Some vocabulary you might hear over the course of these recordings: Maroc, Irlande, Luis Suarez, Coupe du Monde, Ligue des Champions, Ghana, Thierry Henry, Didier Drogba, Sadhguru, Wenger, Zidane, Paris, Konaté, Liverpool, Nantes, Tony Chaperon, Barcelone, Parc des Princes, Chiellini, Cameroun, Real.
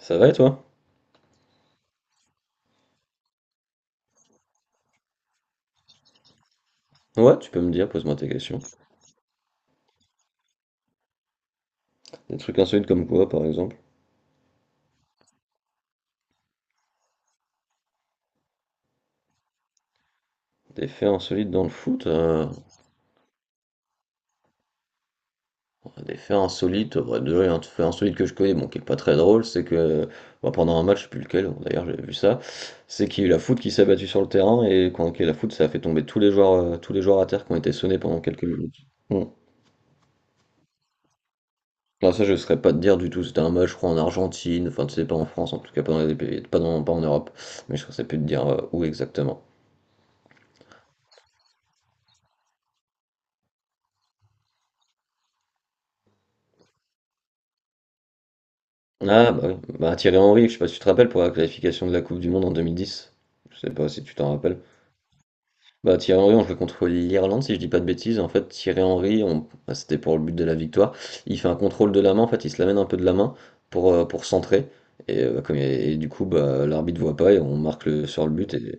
Ça va et toi? Ouais, tu peux me dire, pose-moi tes questions. Des trucs insolites comme quoi, par exemple? Des faits insolites dans le foot? Des faits insolites, bah, déjà, il y a un fait insolite que je connais, bon, qui est pas très drôle, c'est que bah, pendant un match, je sais plus lequel, d'ailleurs, j'avais vu ça, c'est qu'il y a eu la foot qui s'est battue sur le terrain, et quand il y a eu la foot, ça a fait tomber tous les joueurs à terre qui ont été sonnés pendant quelques minutes. Bon. Là, ça, je ne saurais pas te dire du tout. C'était un match, je crois, en Argentine, enfin, tu sais, pas en France, en tout cas, pas dans les pays, pas en Europe. Mais je ne saurais plus te dire où exactement. Ah bah oui, bah Thierry Henry, je sais pas si tu te rappelles pour la qualification de la Coupe du Monde en 2010. Je sais pas si tu t'en rappelles. Bah Thierry Henry, on jouait contre l'Irlande si je dis pas de bêtises. En fait, Thierry Henry, on... bah, c'était pour le but de la victoire. Il fait un contrôle de la main, en fait, il se l'amène un peu de la main pour centrer. Et, bah, comme et du coup, bah, l'arbitre voit pas et on marque le... sur le but et.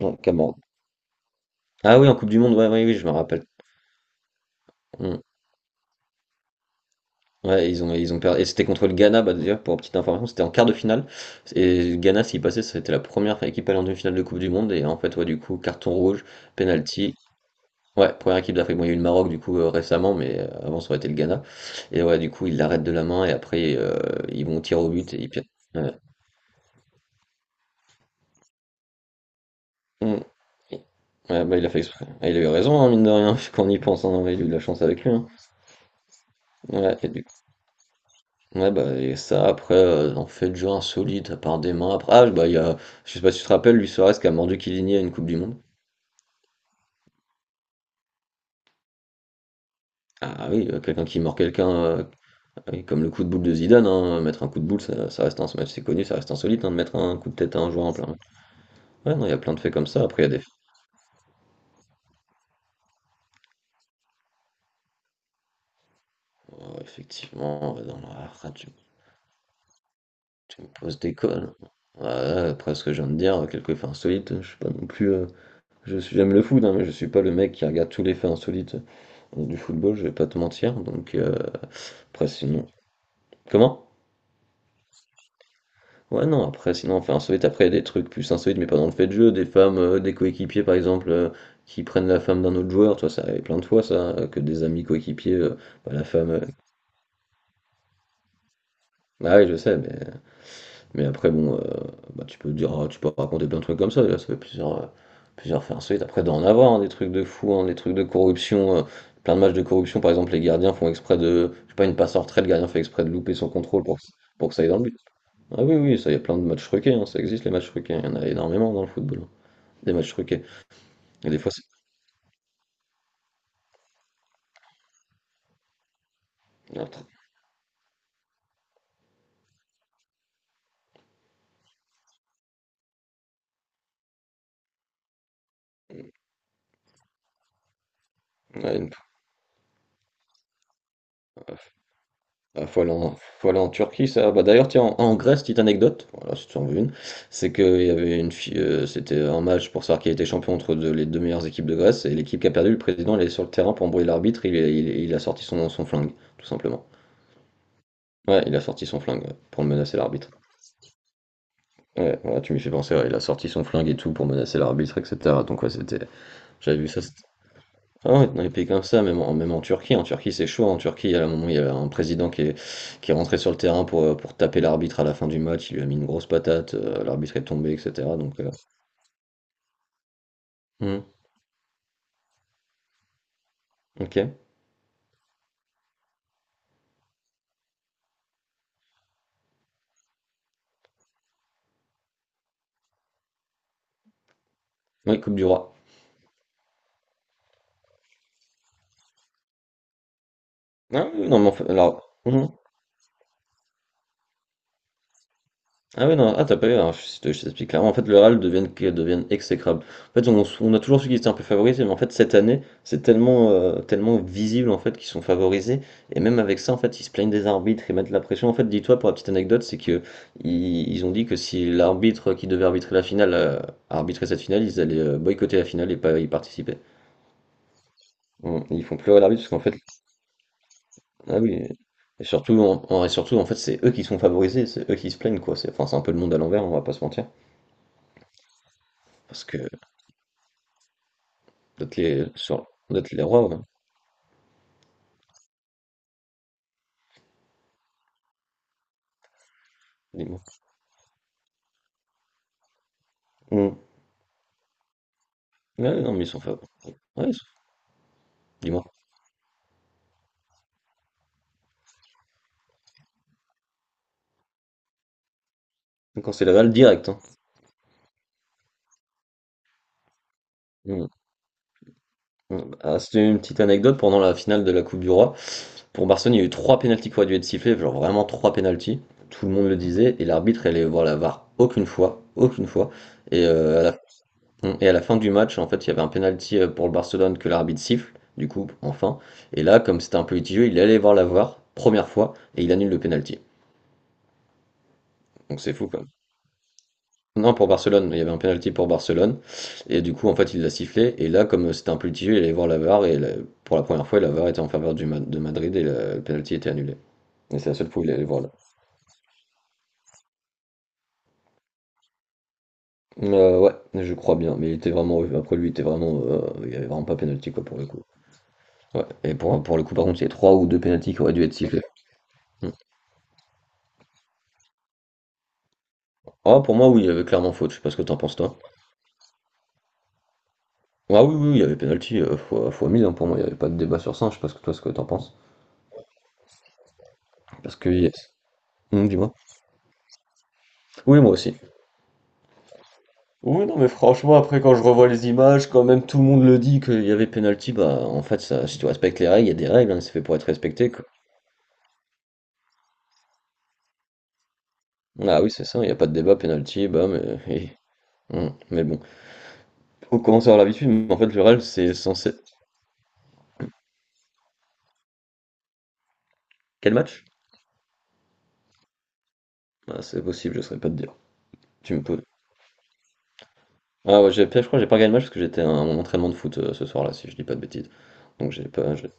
Non, Cameroun. Ah oui, en Coupe du Monde, ouais, ouais oui, je me rappelle. Hmm. Ouais, ils ont perdu. Et c'était contre le Ghana, bah, d'ailleurs, pour petite information, c'était en quart de finale. Et le Ghana, s'il passait, c'était la première équipe à aller en demi-finale de Coupe du Monde. Et en fait, ouais, du coup, carton rouge, penalty. Ouais, première équipe d'Afrique. Bon, il y a eu le Maroc, du coup, récemment, mais avant, ça aurait été le Ghana. Et ouais, du coup, ils l'arrêtent de la main et après, ils vont tirer au but et ils perdent. Ouais. Mm. Ouais, bah, il a fait exprès. Ah, il a eu raison, hein, mine de rien, quand on y pense. Hein. Ouais, il a eu de la chance avec lui. Hein. Ouais, et du Ouais, bah, et ça, après, en fait, jeu insolite, à part des mains, après ah, bah, il y a je sais pas si tu te rappelles, Luis Suarez qui a mordu Chiellini à une coupe du monde? Ah oui, quelqu'un qui mord quelqu'un, heu, oui, comme le coup de boule de Zidane, hein, mettre un coup de boule, ça ça reste ins c'est connu, ça reste insolite, hein, de mettre un coup de tête à un joueur en plein match. Ouais, non, il y a plein de faits comme ça, après il y a des oh, effectivement, tu me poses des cols. Ouais, après ce que je viens de dire, quelques faits insolites, je suis pas non plus, je suis j'aime le foot, hein, mais je suis pas le mec qui regarde tous les faits insolites, du football, je vais pas te mentir, Après, sinon. Comment? Ouais, non, après, sinon, enfin, insolite, après, il y a des trucs plus insolites, mais pas dans le fait de jeu. Des femmes, des coéquipiers, par exemple, qui prennent la femme d'un autre joueur, tu vois, ça arrive plein de fois, ça, que des amis coéquipiers, bah, la femme. Ah oui, je sais, mais après, bon, bah, tu peux dire, ah, tu peux raconter plein de trucs comme ça, là, ça fait plusieurs faits insolites. Après, d'en avoir, hein, des trucs de fou, hein, des trucs de corruption, plein de matchs de corruption, par exemple, les gardiens font exprès de. Je sais pas, une passe en retrait, le gardien fait exprès de louper son contrôle pour que ça aille dans le but. Ah oui, oui, ça, il y a plein de matchs truqués, hein, ça existe les matchs truqués, il y en a énormément dans le football, hein, des matchs truqués. Et des fois, c'est... Notre- ouais, faut aller en Turquie, ça. Bah, d'ailleurs, tiens, en Grèce, petite anecdote, voilà, si tu en veux une, c'est qu'il y avait une fille, c'était un match pour savoir qui était champion les deux meilleures équipes de Grèce, et l'équipe qui a perdu, le président, il est sur le terrain pour embrouiller l'arbitre, il a sorti son flingue, tout simplement. Ouais, il a sorti son flingue, ouais, pour menacer l'arbitre. Ouais, voilà, tu m'y fais penser, ouais, il a sorti son flingue et tout pour menacer l'arbitre, etc. Donc, ouais, c'était. J'avais vu ça. Ah ouais, dans les pays comme ça, même en Turquie, en Turquie c'est chaud, en Turquie à un moment il y a un président qui est, rentré sur le terrain pour taper l'arbitre à la fin du match, il lui a mis une grosse patate, l'arbitre est tombé, etc. Donc, hmm, ok. Oui, Coupe du Roi. Ah, oui, non, mais en fait, alors, hmm. Ah ouais, non, ah t'as pas eu, alors, je t'explique clairement, en fait le RAL deviennent exécrables. En fait on a toujours su qu'ils étaient un peu favorisés, mais en fait cette année c'est tellement visible en fait qu'ils sont favorisés, et même avec ça en fait ils se plaignent des arbitres, ils mettent la pression. En fait dis-toi pour la petite anecdote, c'est que ils ont dit que si l'arbitre qui devait arbitrer la finale arbitrait cette finale, ils allaient boycotter la finale et pas y participer. Bon, ils font pleurer l'arbitre parce qu'en fait, ah oui, et surtout en fait c'est eux qui sont favorisés, c'est eux qui se plaignent, quoi, c'est enfin, c'est un peu le monde à l'envers, on va pas se mentir. Parce que d'être les rois, ouais. Dis-moi. Mm. Ouais, non, mais ils sont favoris. Ouais, dis-moi. Quand c'est Laval, direct. Hein. Mm. Mm. Ah, c'était une petite anecdote pendant la finale de la Coupe du Roi. Pour Barcelone, il y a eu trois pénaltys qui auraient dû être sifflés, genre vraiment trois pénaltys. Tout le monde le disait, et l'arbitre allait voir la VAR aucune fois, aucune fois. Et, à la fin du match, en fait, il y avait un pénalty pour le Barcelone que l'arbitre siffle, du coup, enfin. Et là, comme c'était un peu litigieux, il allait voir la VAR, première fois, et il annule le pénalty. Donc c'est fou, quoi. Non, pour Barcelone, il y avait un penalty pour Barcelone. Et du coup, en fait, il l'a sifflé. Et là, comme c'était un petit jeu, il allait voir la VAR. Et pour la première fois, la VAR était en faveur du de Madrid et le penalty était annulé. Et c'est la seule fois où il allait voir là. Ouais, je crois bien. Mais il était vraiment. Après lui, il était vraiment. Il n'y avait vraiment pas penalty, quoi, pour le coup. Ouais. Et pour le coup, par contre, il y a trois ou deux penalties qui auraient dû être sifflés. Hmm. Ah, pour moi, oui, il y avait clairement faute. Je sais pas ce que t'en penses, toi. Ah oui, oui, oui, il y avait penalty fois 1000. Hein, pour moi, il n'y avait pas de débat sur ça. Je sais pas ce que toi, ce que t'en penses. Parce que, yes. Hmm, dis-moi. Oui, moi aussi. Oui, non, mais franchement, après, quand je revois les images, quand même tout le monde le dit qu'il y avait penalty, bah, en fait, ça, si tu respectes les règles, il y a des règles, hein, c'est fait pour être respecté, quoi. Ah oui, c'est ça, il n'y a pas de débat, penalty, bah, mais, eh, mais bon. Faut commencer à avoir l'habitude, mais en fait, le Real, c'est censé. Quel match? Ah, c'est possible, je ne saurais pas te dire. Tu me poses. Ah ouais, je crois que j'ai pas gagné le match parce que j'étais à mon entraînement de foot ce soir-là, si je dis pas de bêtises. Donc j'ai pas.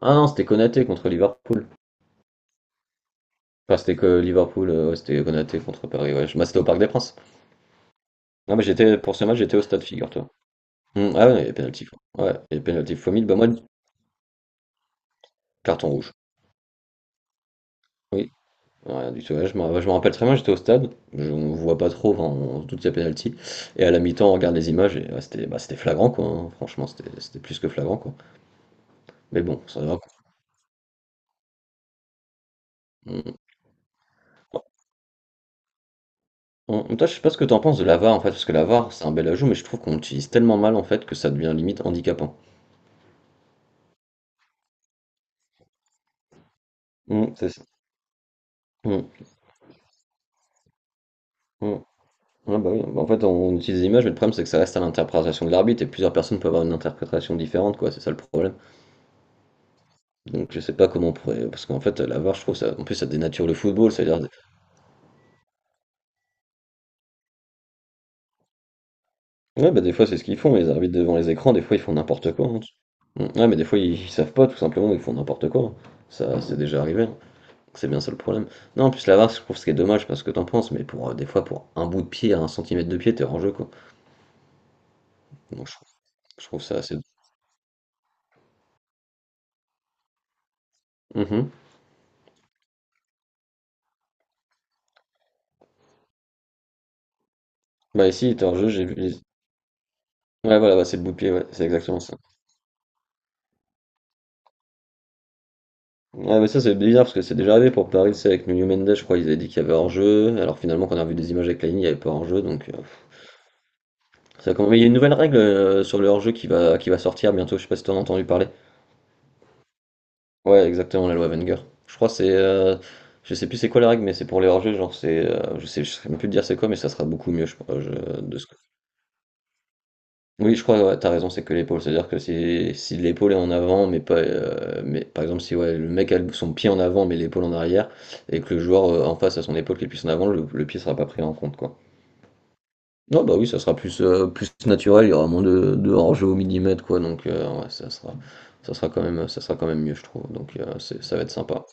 Ah non, c'était Konaté contre Liverpool. Enfin, c'était que Liverpool, ouais, c'était Konaté contre Paris, ouais. Bah, c'était au Parc des Princes. Non, mais j'étais, pour ce match, j'étais au stade, figure-toi. Mmh, ah ouais, il y a pénalty, quoi. Ouais, il y a pénalty fois 1000, bah moi, carton rouge. Oui, rien du tout. Ouais, je me rappelle très bien, j'étais au stade, je, on voit pas trop, enfin, on se doute qu'il y a pénalty. Et à la mi-temps, on regarde les images et ouais, c'était bah, c'était flagrant, quoi, hein. Franchement, c'était plus que flagrant, quoi. Mais bon, c'est grave. Mmh. Toi, je sais pas ce que t'en penses de la VAR, en fait, parce que la VAR, c'est un bel ajout, mais je trouve qu'on l'utilise tellement mal, en fait, que ça devient limite handicapant. Mmh, c'est ça. Mmh, mmh. Ouais, bah oui. Bah, en fait, on utilise les images, mais le problème, c'est que ça reste à l'interprétation de l'arbitre et plusieurs personnes peuvent avoir une interprétation différente, quoi. C'est ça le problème. Donc je sais pas comment on pourrait. Parce qu'en fait, la VAR, je trouve ça. En plus, ça dénature le football. C'est-à-dire. Ouais, bah des fois, c'est ce qu'ils font. Les arbitres devant les écrans, des fois, ils font n'importe quoi, hein. Ouais, mais des fois, ils savent pas, tout simplement, ils font n'importe quoi, hein. Ça, c'est déjà arrivé, hein. C'est bien ça le problème. Non, en plus, la VAR, je trouve ce qui est dommage, parce que t'en penses, mais pour des fois, pour un bout de pied, à un centimètre de pied, t'es hors jeu, quoi. Donc, je trouve ça assez. Mhm. Bah, ici, t'es hors jeu, j'ai vu. Les- Ouais, voilà, bah, c'est le bout de pied, ouais, c'est exactement ça. Ah, mais ça c'est bizarre parce que c'est déjà arrivé pour Paris, c'est avec Nuno Mendes, je crois, ils avaient dit qu'il y avait hors-jeu, alors finalement quand on a vu des images avec la ligne, il n'y avait pas hors-jeu, donc ça commence. Mais il y a une nouvelle règle sur le hors-jeu qui va sortir bientôt, je sais pas si t'en as entendu parler. Ouais, exactement, la loi Wenger. Je crois que c'est, je sais plus c'est quoi la règle, mais c'est pour les hors-jeux, genre c'est, je sais même plus te dire c'est quoi, mais ça sera beaucoup mieux, je, crois, je- de ce que. Oui, je crois, ouais, t'as raison, c'est que l'épaule. C'est-à-dire que si, si l'épaule est en avant, mais pas, mais par exemple, si ouais, le mec a le- son pied en avant, mais l'épaule en arrière, et que le joueur en face a son épaule qui est plus en avant, le pied sera pas pris en compte, quoi. Non, bah oui, ça sera plus, plus naturel, il y aura moins de hors-jeu au millimètre, quoi. Donc, ouais, ça sera quand même, ça sera quand même mieux, je trouve. Donc, c'est- ça va être sympa.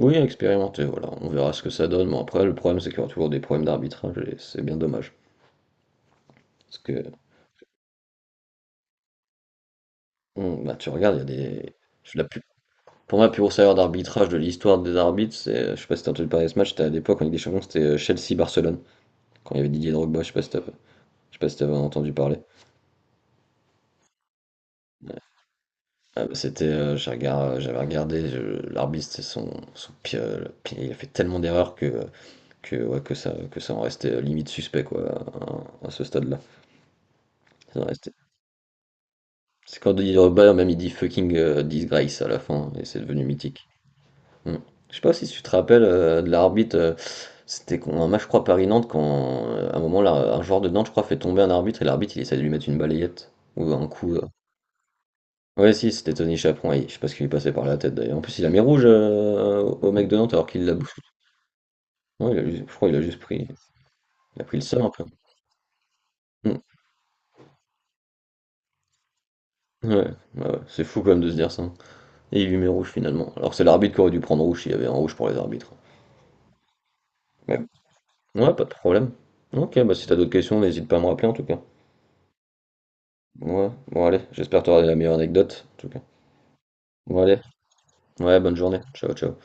Oui, à expérimenter, voilà. On verra ce que ça donne. Mais après, le problème, c'est qu'il y aura toujours des problèmes d'arbitrage, et c'est bien dommage. Parce que, on- bah, tu regardes, il y a des. La Pour moi, le plus gros salaire d'arbitrage de l'histoire des arbitres, c'est, je sais pas si t'as entendu parler de ce match, c'était à l'époque en Ligue des Champions, c'était Chelsea-Barcelone, quand il y avait Didier Drogba, je sais pas si t'as- je sais pas si t'avais entendu parler. Ah bah, c'était, j'ai regard- j'avais regardé, je- l'arbitre, c'était son, son pire, le pire- il a fait tellement d'erreurs que, ouais, que ça en restait limite suspect quoi, à ce stade-là. Ça en restait- C'est quand Didier Drogba, même il dit fucking disgrace à la fin, et c'est devenu mythique. Mmh. Je sais pas si tu te rappelles, de l'arbitre, c'était con un match je crois Paris-Nantes quand, à un moment là, un joueur de Nantes je crois fait tomber un arbitre et l'arbitre il essaie de lui mettre une balayette ou un coup, ouais si c'était Tony Chaperon et je sais pas ce qui lui passait par la tête d'ailleurs. En plus il a mis rouge, au mec de Nantes alors qu'il l'a bousculé. Ouais il a juste je crois il a juste pris il a pris le seum un peu. Mmh. Ouais, ouais, c'est fou quand même de se dire ça, hein, et il lui met rouge finalement. Alors c'est l'arbitre qui aurait dû prendre rouge s'il y avait un rouge pour les arbitres. Mais ouais, pas de problème. OK, bah si t'as d'autres questions, n'hésite pas à me rappeler en tout cas. Ouais, bon allez, j'espère t'avoir la meilleure anecdote, en tout cas. Bon allez, ouais, bonne journée, ciao ciao.